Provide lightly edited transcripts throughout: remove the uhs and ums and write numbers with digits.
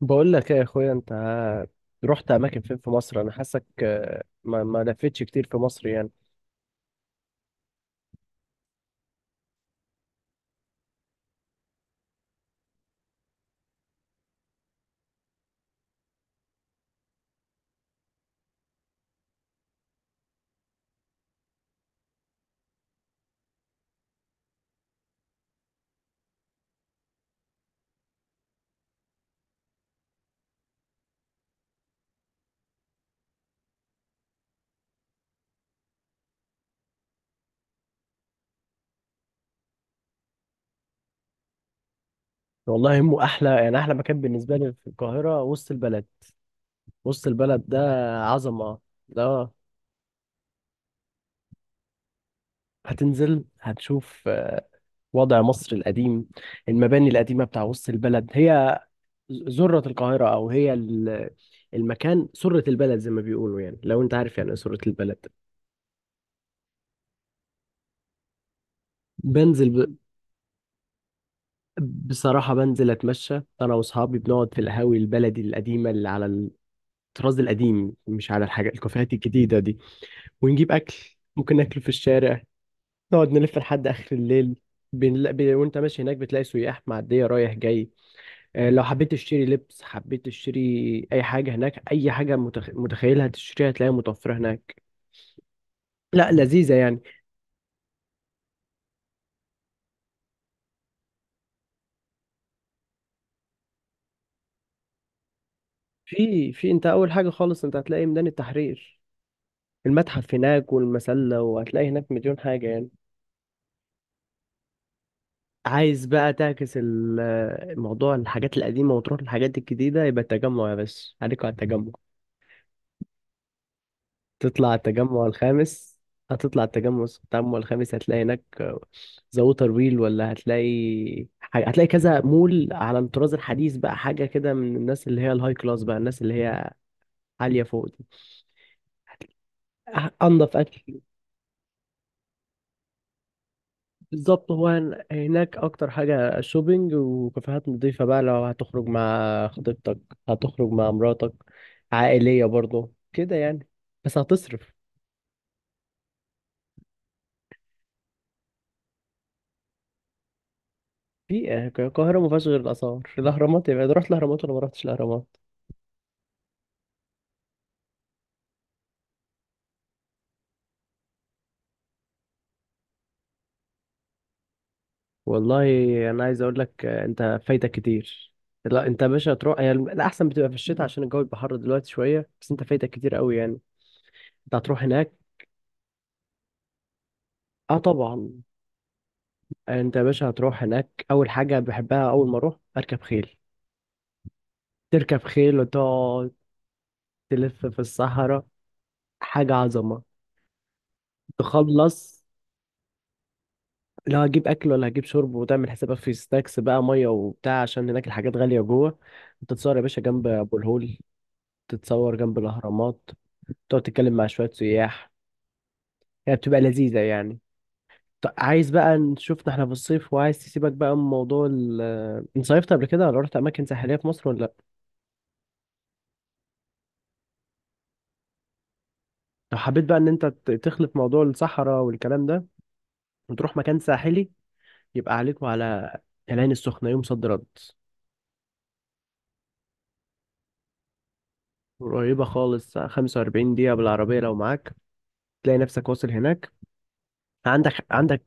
بقول لك ايه يا اخويا، انت رحت اماكن فين في مصر؟ انا حاسك ما لفتش كتير في مصر يعني. والله مو احلى يعني، احلى مكان بالنسبه لي في القاهره وسط البلد. وسط البلد ده عظمه. لا. هتنزل، هتشوف وضع مصر القديم، المباني القديمه بتاع وسط البلد. هي ذره القاهره، او المكان سره البلد زي ما بيقولوا، يعني لو انت عارف يعني ايه سره البلد. بنزل. بصراحة بنزل أتمشى أنا وأصحابي، بنقعد في القهاوي البلدي القديمة اللي على الطراز القديم، مش على الحاجة الكافيهات الجديدة دي. ونجيب أكل ممكن ناكله في الشارع، نقعد نلف لحد آخر الليل. وأنت ماشي هناك بتلاقي سياح معدية رايح جاي. لو حبيت تشتري لبس، حبيت تشتري أي حاجة هناك، أي حاجة متخيلها تشتريها هتلاقيها متوفرة هناك. لا، لذيذة يعني. في. أنت أول حاجة خالص أنت هتلاقي ميدان التحرير، المتحف هناك والمسلة، وهتلاقي هناك مليون حاجة يعني. عايز بقى تعكس الموضوع، الحاجات القديمة وتروح للحاجات الجديدة، يبقى التجمع. يا باشا عليكوا على التجمع. تطلع التجمع الخامس. هتطلع التجمع الخامس هتلاقي هناك ذا ووتر ويل، ولا هتلاقي حاجة، هتلاقي كذا مول على الطراز الحديث، بقى حاجة كده من الناس اللي هي الهاي كلاس، بقى الناس اللي هي عالية فوق دي. أنضف أكل. بالظبط، هو هناك اكتر حاجة شوبينج وكافيهات نظيفة، بقى لو هتخرج مع خطيبتك، هتخرج مع مراتك، عائلية برضو كده يعني. بس هتصرف. في القاهرة ما فيهاش غير الآثار الأهرامات. يبقى رحت الأهرامات ولا ما رحتش الأهرامات؟ والله أنا عايز أقول لك، أنت فايتك كتير. لا، أنت يا باشا هتروح. هي الأحسن بتبقى في الشتاء عشان الجو بيبقى حر دلوقتي شوية، بس أنت فايتك كتير قوي يعني. أنت هتروح هناك. أه طبعا. أنت يا باشا هتروح هناك، أول حاجة بحبها أول ما أروح أركب خيل. تركب خيل وتقعد تلف في الصحراء، حاجة عظمة. تخلص، لا هجيب أكل ولا هجيب شرب. وتعمل حسابك في سناكس بقى، مية وبتاع، عشان هناك الحاجات غالية جوه. تتصور يا باشا جنب أبو الهول، تتصور جنب الأهرامات، تقعد تتكلم مع شوية سياح. هي بتبقى لذيذة يعني. طب عايز بقى نشوفنا احنا في الصيف، وعايز تسيبك بقى من موضوع انت صيفت قبل كده، ولا رحت أماكن ساحلية في مصر ولا لأ؟ لو حبيت بقى إن أنت تخلط موضوع الصحراء والكلام ده، وتروح مكان ساحلي، يبقى عليكم على العين السخنة يوم صد رد. قريبة خالص. 45 دقيقة بالعربية لو معاك، تلاقي نفسك واصل هناك. عندك عندك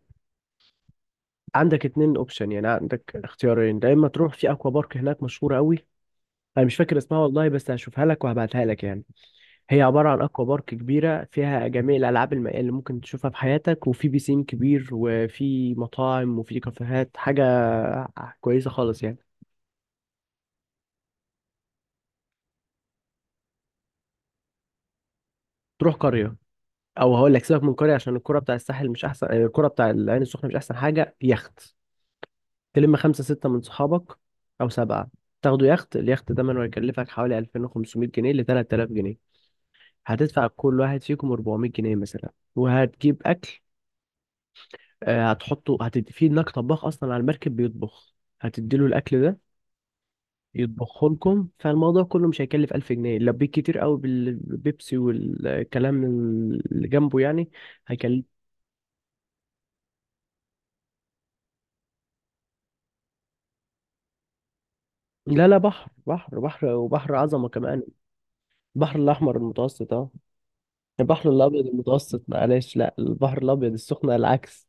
عندك اتنين اوبشن، يعني عندك اختيارين. يا اما تروح في اكوا بارك، هناك مشهورة قوي. انا مش فاكر اسمها والله، بس هشوفها لك وهبعتها لك يعني. هي عبارة عن اكوا بارك كبيرة فيها جميع الالعاب المائية اللي ممكن تشوفها في حياتك، وفي بيسين كبير، وفي مطاعم، وفي كافيهات، حاجة كويسة خالص يعني. تروح قرية، او هقول لك سيبك من قرية عشان الكرة بتاع الساحل مش احسن يعني، الكرة بتاع العين السخنة مش احسن حاجة. يخت، تلم خمسة ستة من صحابك او سبعة. تاخدوا يخت، اليخت ده من هيكلفك حوالي 2500 جنيه ل 3000 جنيه. هتدفع كل واحد فيكم 400 جنيه مثلا، وهتجيب اكل. هتحطه، هتدي في هناك طباخ اصلا على المركب بيطبخ، هتديله الاكل ده يطبخه لكم. فالموضوع كله مش هيكلف 1000 جنيه لو بيك كتير قوي بالبيبسي والكلام اللي جنبه يعني. هيكلف. لا لا، بحر بحر بحر، وبحر عظمة كمان. البحر الأحمر المتوسط، اه البحر الأبيض المتوسط، معلش، لا البحر الأبيض السخنة العكس.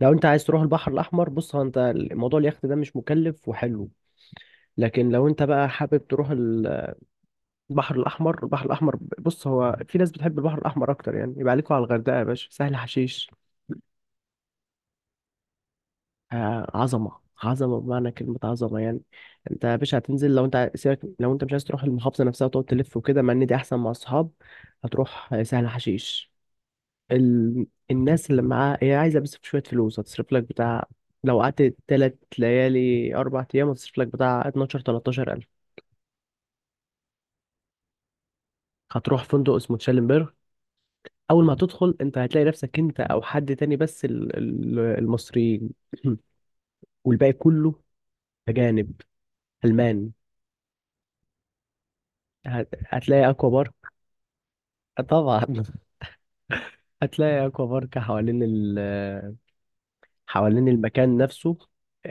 لو أنت عايز تروح البحر الأحمر، بص هو أنت الموضوع اليخت ده مش مكلف وحلو. لكن لو أنت بقى حابب تروح البحر الأحمر. البحر الأحمر، بص هو في ناس بتحب البحر الأحمر أكتر يعني، يبقى عليكوا على الغردقة يا باشا سهل حشيش. عظمه عظمه بمعنى كلمه، عظمه يعني. انت يا باشا هتنزل، لو انت سيبك، لو انت مش عايز تروح المحافظه نفسها وتقعد تلف وكده، مع ان دي احسن مع الصحاب. هتروح سهل حشيش. ال... الناس اللي معاها هي عايزه بس شويه فلوس هتصرف لك بتاع. لو قعدت 3 ليالي 4 ايام هتصرف لك بتاع 12 13 الف. هتروح فندق اسمه تشالنبرغ. اول ما هتدخل انت هتلاقي نفسك انت او حد تاني بس المصريين. والباقي كله اجانب، المان. هتلاقي اكوا بارك. طبعا هتلاقي اكوا بارك حوالين حوالين المكان نفسه.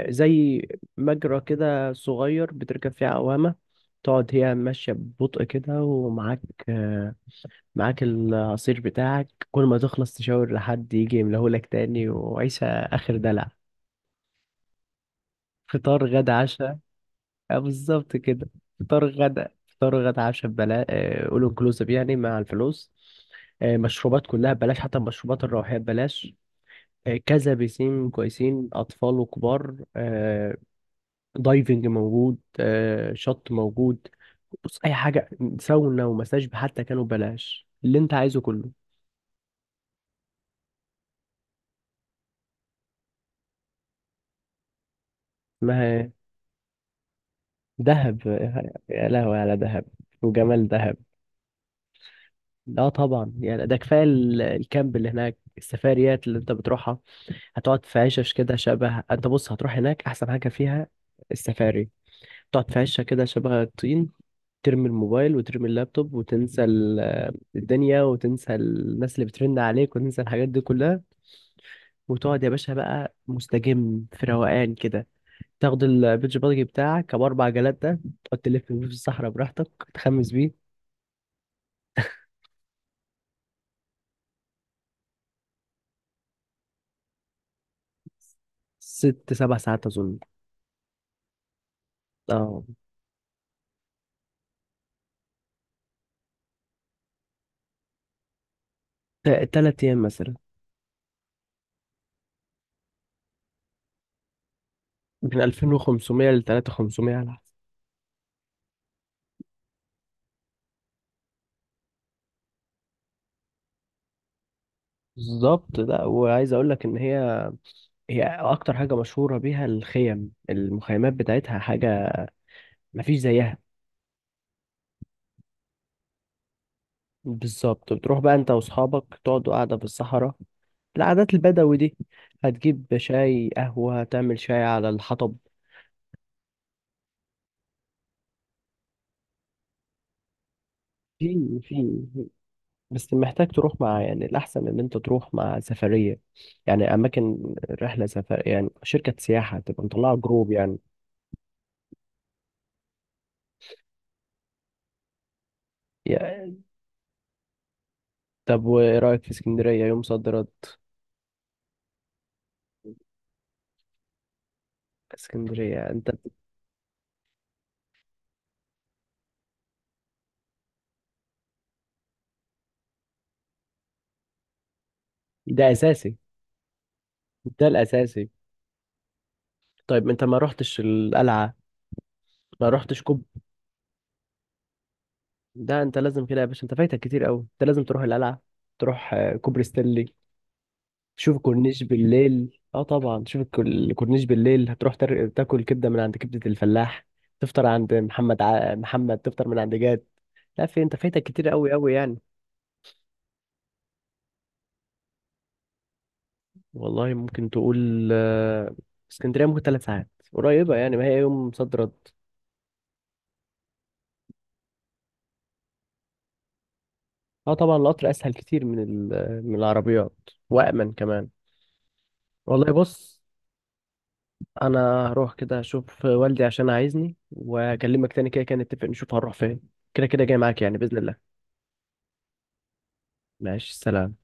زي مجرى كده صغير بتركب فيه عوامة، تقعد هي ماشية ببطء كده، ومعاك العصير بتاعك. كل ما تخلص تشاور لحد يجي يملهولك تاني، وعيشة آخر دلع. فطار غدا عشاء. بالظبط كده. فطار غدا عشاء ببلاش، اول انكلوسيف يعني مع الفلوس. مشروبات كلها ببلاش، حتى المشروبات الروحية ببلاش. كذا بيسين كويسين، أطفال وكبار. دايفنج موجود، شط موجود. بص أي حاجة، ساونا ومساج حتى كانوا ببلاش، اللي أنت عايزه كله. ما دهب. يا لهوي على دهب وجمال دهب. اه طبعا يعني. ده كفايه الكامب اللي هناك. السفاريات اللي انت بتروحها، هتقعد في عشش كده شبه. انت بص هتروح هناك احسن حاجه فيها السفاري. تقعد في عشه كده شبه الطين. ترمي الموبايل وترمي اللابتوب وتنسى الدنيا، وتنسى الناس اللي بترن عليك، وتنسى الحاجات دي كلها، وتقعد يا باشا بقى مستجم في روقان كده. تاخد البيتش باجي بتاعك ابو 4 جلات ده، تقعد تلف بيه في الصحراء براحتك، تخمس بيه. 6 7 ساعات اظن. اه 3 ايام مثلا. من 2500 ل 3500 على حسب. بالظبط. لا وعايز اقول لك ان هي اكتر حاجه مشهوره بيها الخيم المخيمات بتاعتها، حاجه مفيش زيها. بالظبط. بتروح بقى انت واصحابك تقعدوا قاعدة في الصحراء، العادات البدوي دي. هتجيب شاي قهوة، هتعمل شاي على الحطب. في. بس محتاج تروح مع يعني، الأحسن إن أنت تروح مع سفرية، يعني أماكن رحلة سفر، يعني شركة سياحة تبقى مطلعة جروب يعني. يا- طب وإيه رأيك في اسكندرية يوم صد رد؟ اسكندرية أنت. ده أساسي. ده الأساسي. طيب أنت ما رحتش القلعة؟ ما رحتش. ده انت لازم كده يا باشا، انت فايتك كتير قوي، انت لازم تروح القلعه. تروح كوبري ستانلي، تشوف الكورنيش بالليل. اه طبعا. تشوف الكورنيش بالليل. هتروح تاكل كبده من عند كبده الفلاح. تفطر عند محمد، تفطر من عند جاد. لا في انت فايتك كتير قوي قوي يعني. والله ممكن تقول اسكندريه ممكن 3 ساعات، قريبه يعني ما هي يوم صد رد. اه طبعا، القطر اسهل كتير من من العربيات، وامن كمان. والله بص. انا هروح كده اشوف والدي عشان عايزني، واكلمك تاني. كده كده نتفق نشوف هنروح فين. كده كده جاي معاك يعني باذن الله. ماشي سلام.